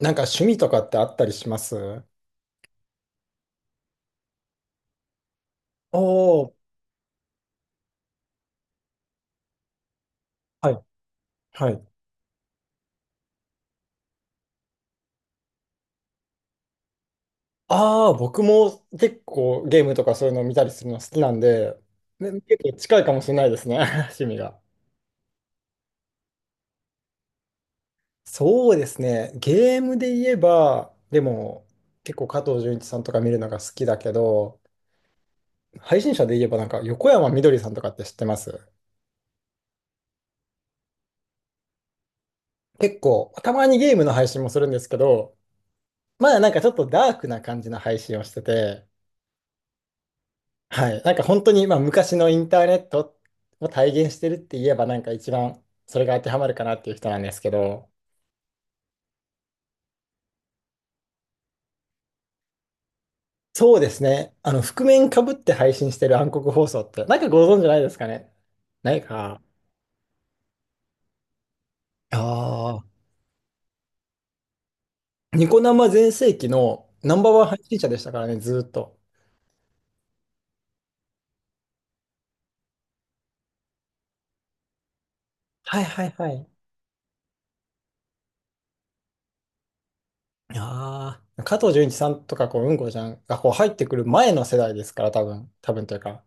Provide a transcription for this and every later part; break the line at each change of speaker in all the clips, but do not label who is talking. なんか趣味とかってあったりします？おー、はい。はい。ああ、僕も結構ゲームとかそういうのを見たりするの好きなんで、ね、結構近いかもしれないですね、趣味が。そうですね。ゲームで言えば、でも結構加藤純一さんとか見るのが好きだけど、配信者で言えばなんか横山みどりさんとかって知ってます？結構、たまにゲームの配信もするんですけど、まだなんかちょっとダークな感じの配信をしてて、はい。なんか本当に、昔のインターネットを体現してるって言えば、なんか一番それが当てはまるかなっていう人なんですけど、そうですね。あの、覆面かぶって配信してる暗黒放送って、なんかご存知ないですかね？ないか。ああ、ニコ生全盛期のナンバーワン配信者でしたからね、ずーっと。はいはいはい。ああ、加藤純一さんとか、こう、うんこちゃんがこう入ってくる前の世代ですから、多分、多分というか。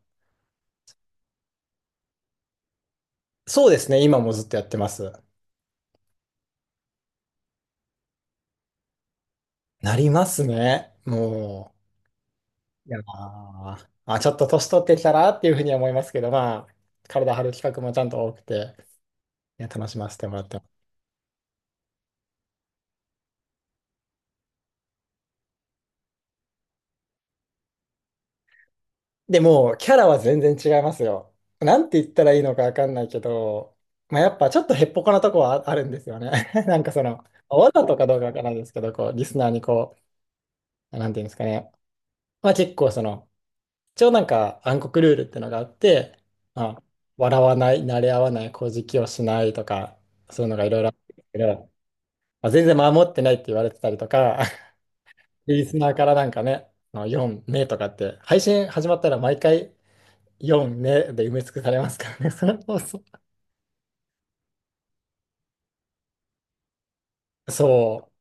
そうですね。今もずっとやってます。なりますね。もう。いやーあ、ちょっと年取ってきたらっていうふうには思いますけど、まあ、体張る企画もちゃんと多くて、いや、楽しませてもらってます。でも、キャラは全然違いますよ。なんて言ったらいいのかわかんないけど、まあ、やっぱちょっとへっぽこなとこはあるんですよね。なんかその、わざとかどうかわからないですけど、こう、リスナーにこう、なんていうんですかね。まあ結構その、一応なんか暗黒ルールってのがあって、まあ、笑わない、慣れ合わない、乞食をしないとか、そういうのがいろいろあるんですけど、まあ全然守ってないって言われてたりとか、リスナーからなんかね、あの4名とかって、配信始まったら毎回4名で埋め尽くされますからね、その放送。そ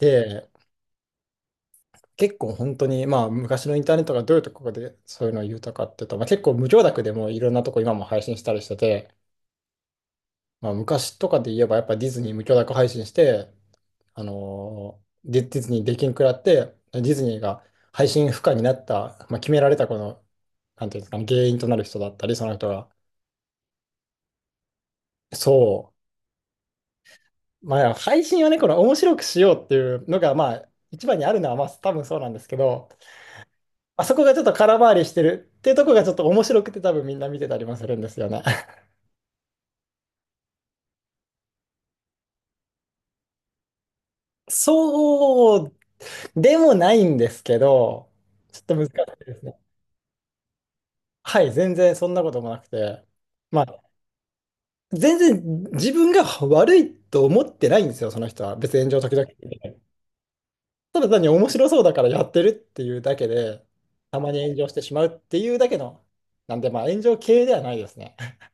う。で、結構本当に、まあ昔のインターネットがどういうところでそういうのを言うとかっていうと、まあ、結構無許諾でもいろんなとこ今も配信したりしてて、まあ、昔とかで言えばやっぱディズニー無許諾配信して、ディズニーできんくらって、ディズニーが配信不可になった、まあ、決められたこの、なんていうんですかね、原因となる人だったり、その人が。そう。まあ、配信はね、この面白くしようっていうのが、まあ、一番にあるのは、まあ、多分そうなんですけど、あそこがちょっと空回りしてるっていうとこがちょっと面白くて多分みんな見てたりもするんですよね。そうでもないんですけど、ちょっと難しいですね。はい、全然そんなこともなくて。まあ全然自分が悪いと思ってないんですよ、その人は。別に炎上時々。ただ単に面白そうだからやってるっていうだけで、たまに炎上してしまうっていうだけの、なんでまあ炎上系ではないですね。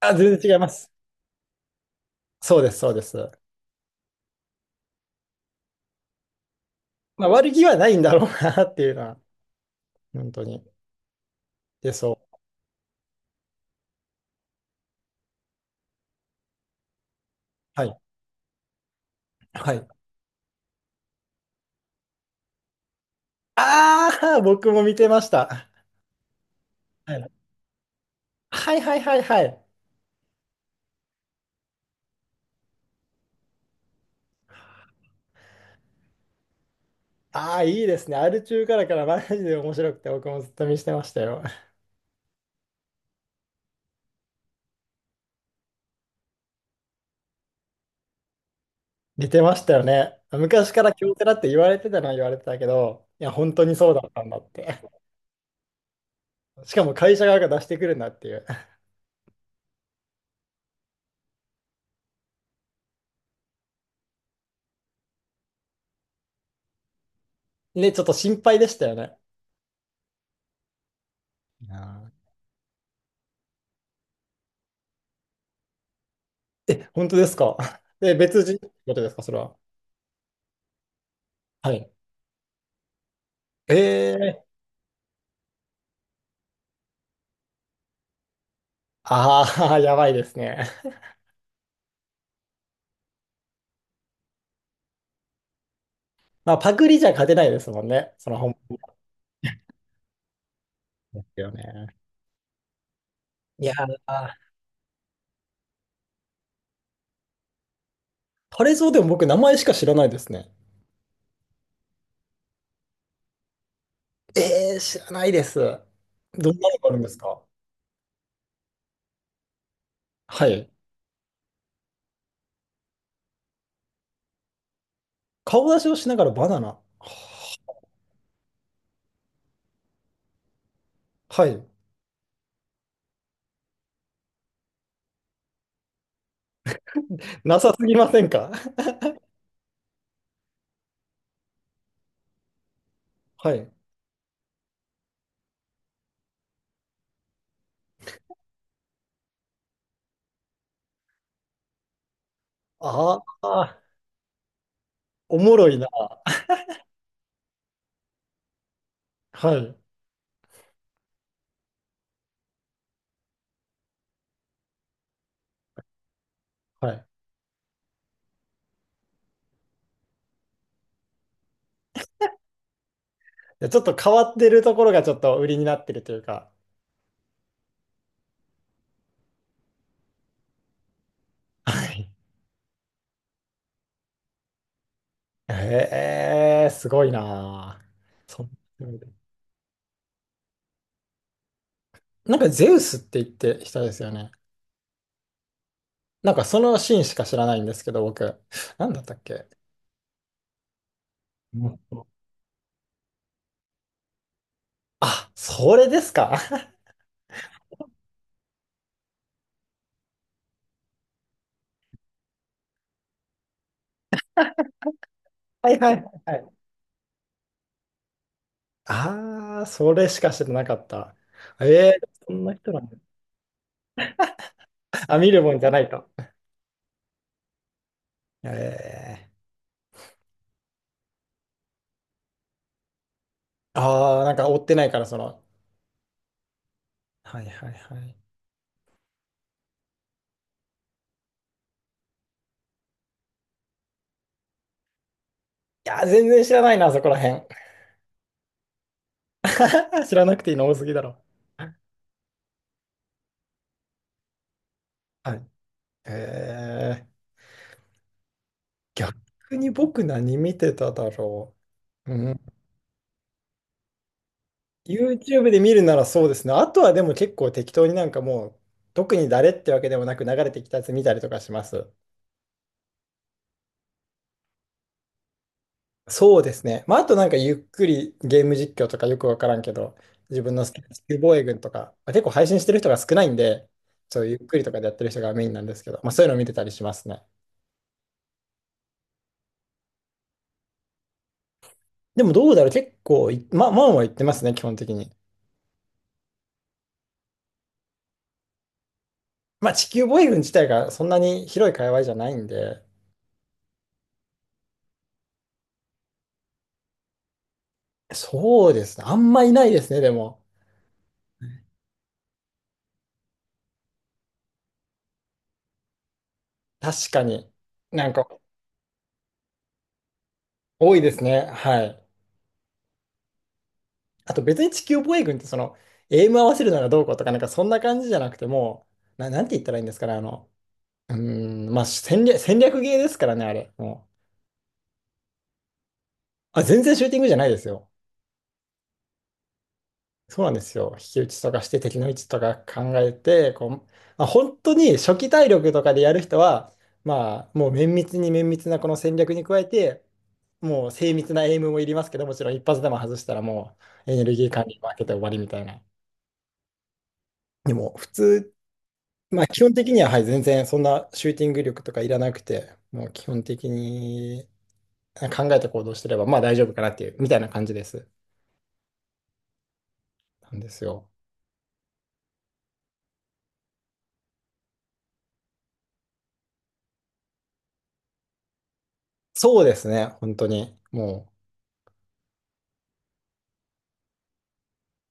あ、全然違います。そうです、そうです。まあ悪気はないんだろうなっていうのは、本当に。で、そう。はい。はい。ああ、僕も見てました。はいはいはいはいはい。ああ、いいですね。アル中からからマジで面白くて、僕もずっと見してましたよ。似てましたよね。昔から京セラって言われてたのは言われてたけど、いや、本当にそうだったんだって。しかも会社側が出してくるんだっていう。ね、ちょっと心配でしたよね。いやーえ、本当ですか？ で、別人ってことですか、それは。はい。ええ、ああー、やばいですね。まあ、パクリじゃ勝てないですもんね。その本物ですよね。いやー、これぞでも僕、名前しか知らないですね。ええ、知らないです。どんなのがあるんですか？はい。顔出しをしながらバナナ。は、はい。なさすぎませんか？ はい。ああ、おもろいな。はい。はい。でちょっと変わってるところがちょっと売りになってるというか。はい。へえ、すごいな。そん、なんかゼウスって言って人ですよね。なんかそのシーンしか知らないんですけど、僕。なんだったっけ。うん。あ、それですか？ はいはいはいはい。ああ、それしか知らなかった。ええ、そんな人なんだ。あ、見るもんじゃないと。ええ。ああ、なんか追ってないから、その。はいはいはい。いやー、全然知らないな、そこら辺。知らなくていいの多すぎだろ。はい。えー、逆に僕何見てただろう。うん。YouTube で見るならそうですね。あとはでも結構適当になんかもう、特に誰ってわけでもなく流れてきたやつ見たりとかします。そうですね。まあ、あとなんかゆっくりゲーム実況とかよくわからんけど、自分の好きな地球防衛軍とか、まあ、結構配信してる人が少ないんで、そうゆっくりとかでやってる人がメインなんですけど、まあ、そういうのを見てたりしますね。でもどうだろう、結構い、まあ、まあまあ言ってますね、基本的に。まあ、地球防衛軍自体がそんなに広い界隈じゃないんで、そうですね。あんまいないですね、でも。確かに。なんか、多いですね。はい。あと別に地球防衛軍ってその、エイム合わせるならどうこうとか、なんかそんな感じじゃなくてもう、な、なんて言ったらいいんですかね、あの、うーん、まあ戦略、戦略ゲーですからね、あれ。もう。あ、全然シューティングじゃないですよ。そうなんですよ。引き打ちとかして敵の位置とか考えて、こう、まあ、本当に初期体力とかでやる人は、まあもう綿密なこの戦略に加えて、もう精密なエイムもいりますけど、もちろん一発でも外したらもうエネルギー管理負けて終わりみたいな。でも普通まあ、基本的には、はい、全然そんなシューティング力とかいらなくて、もう基本的に考えて行動してれば、まあ大丈夫かなっていう、みたいな感じです。なんですよ。そうですね、本当に。もう、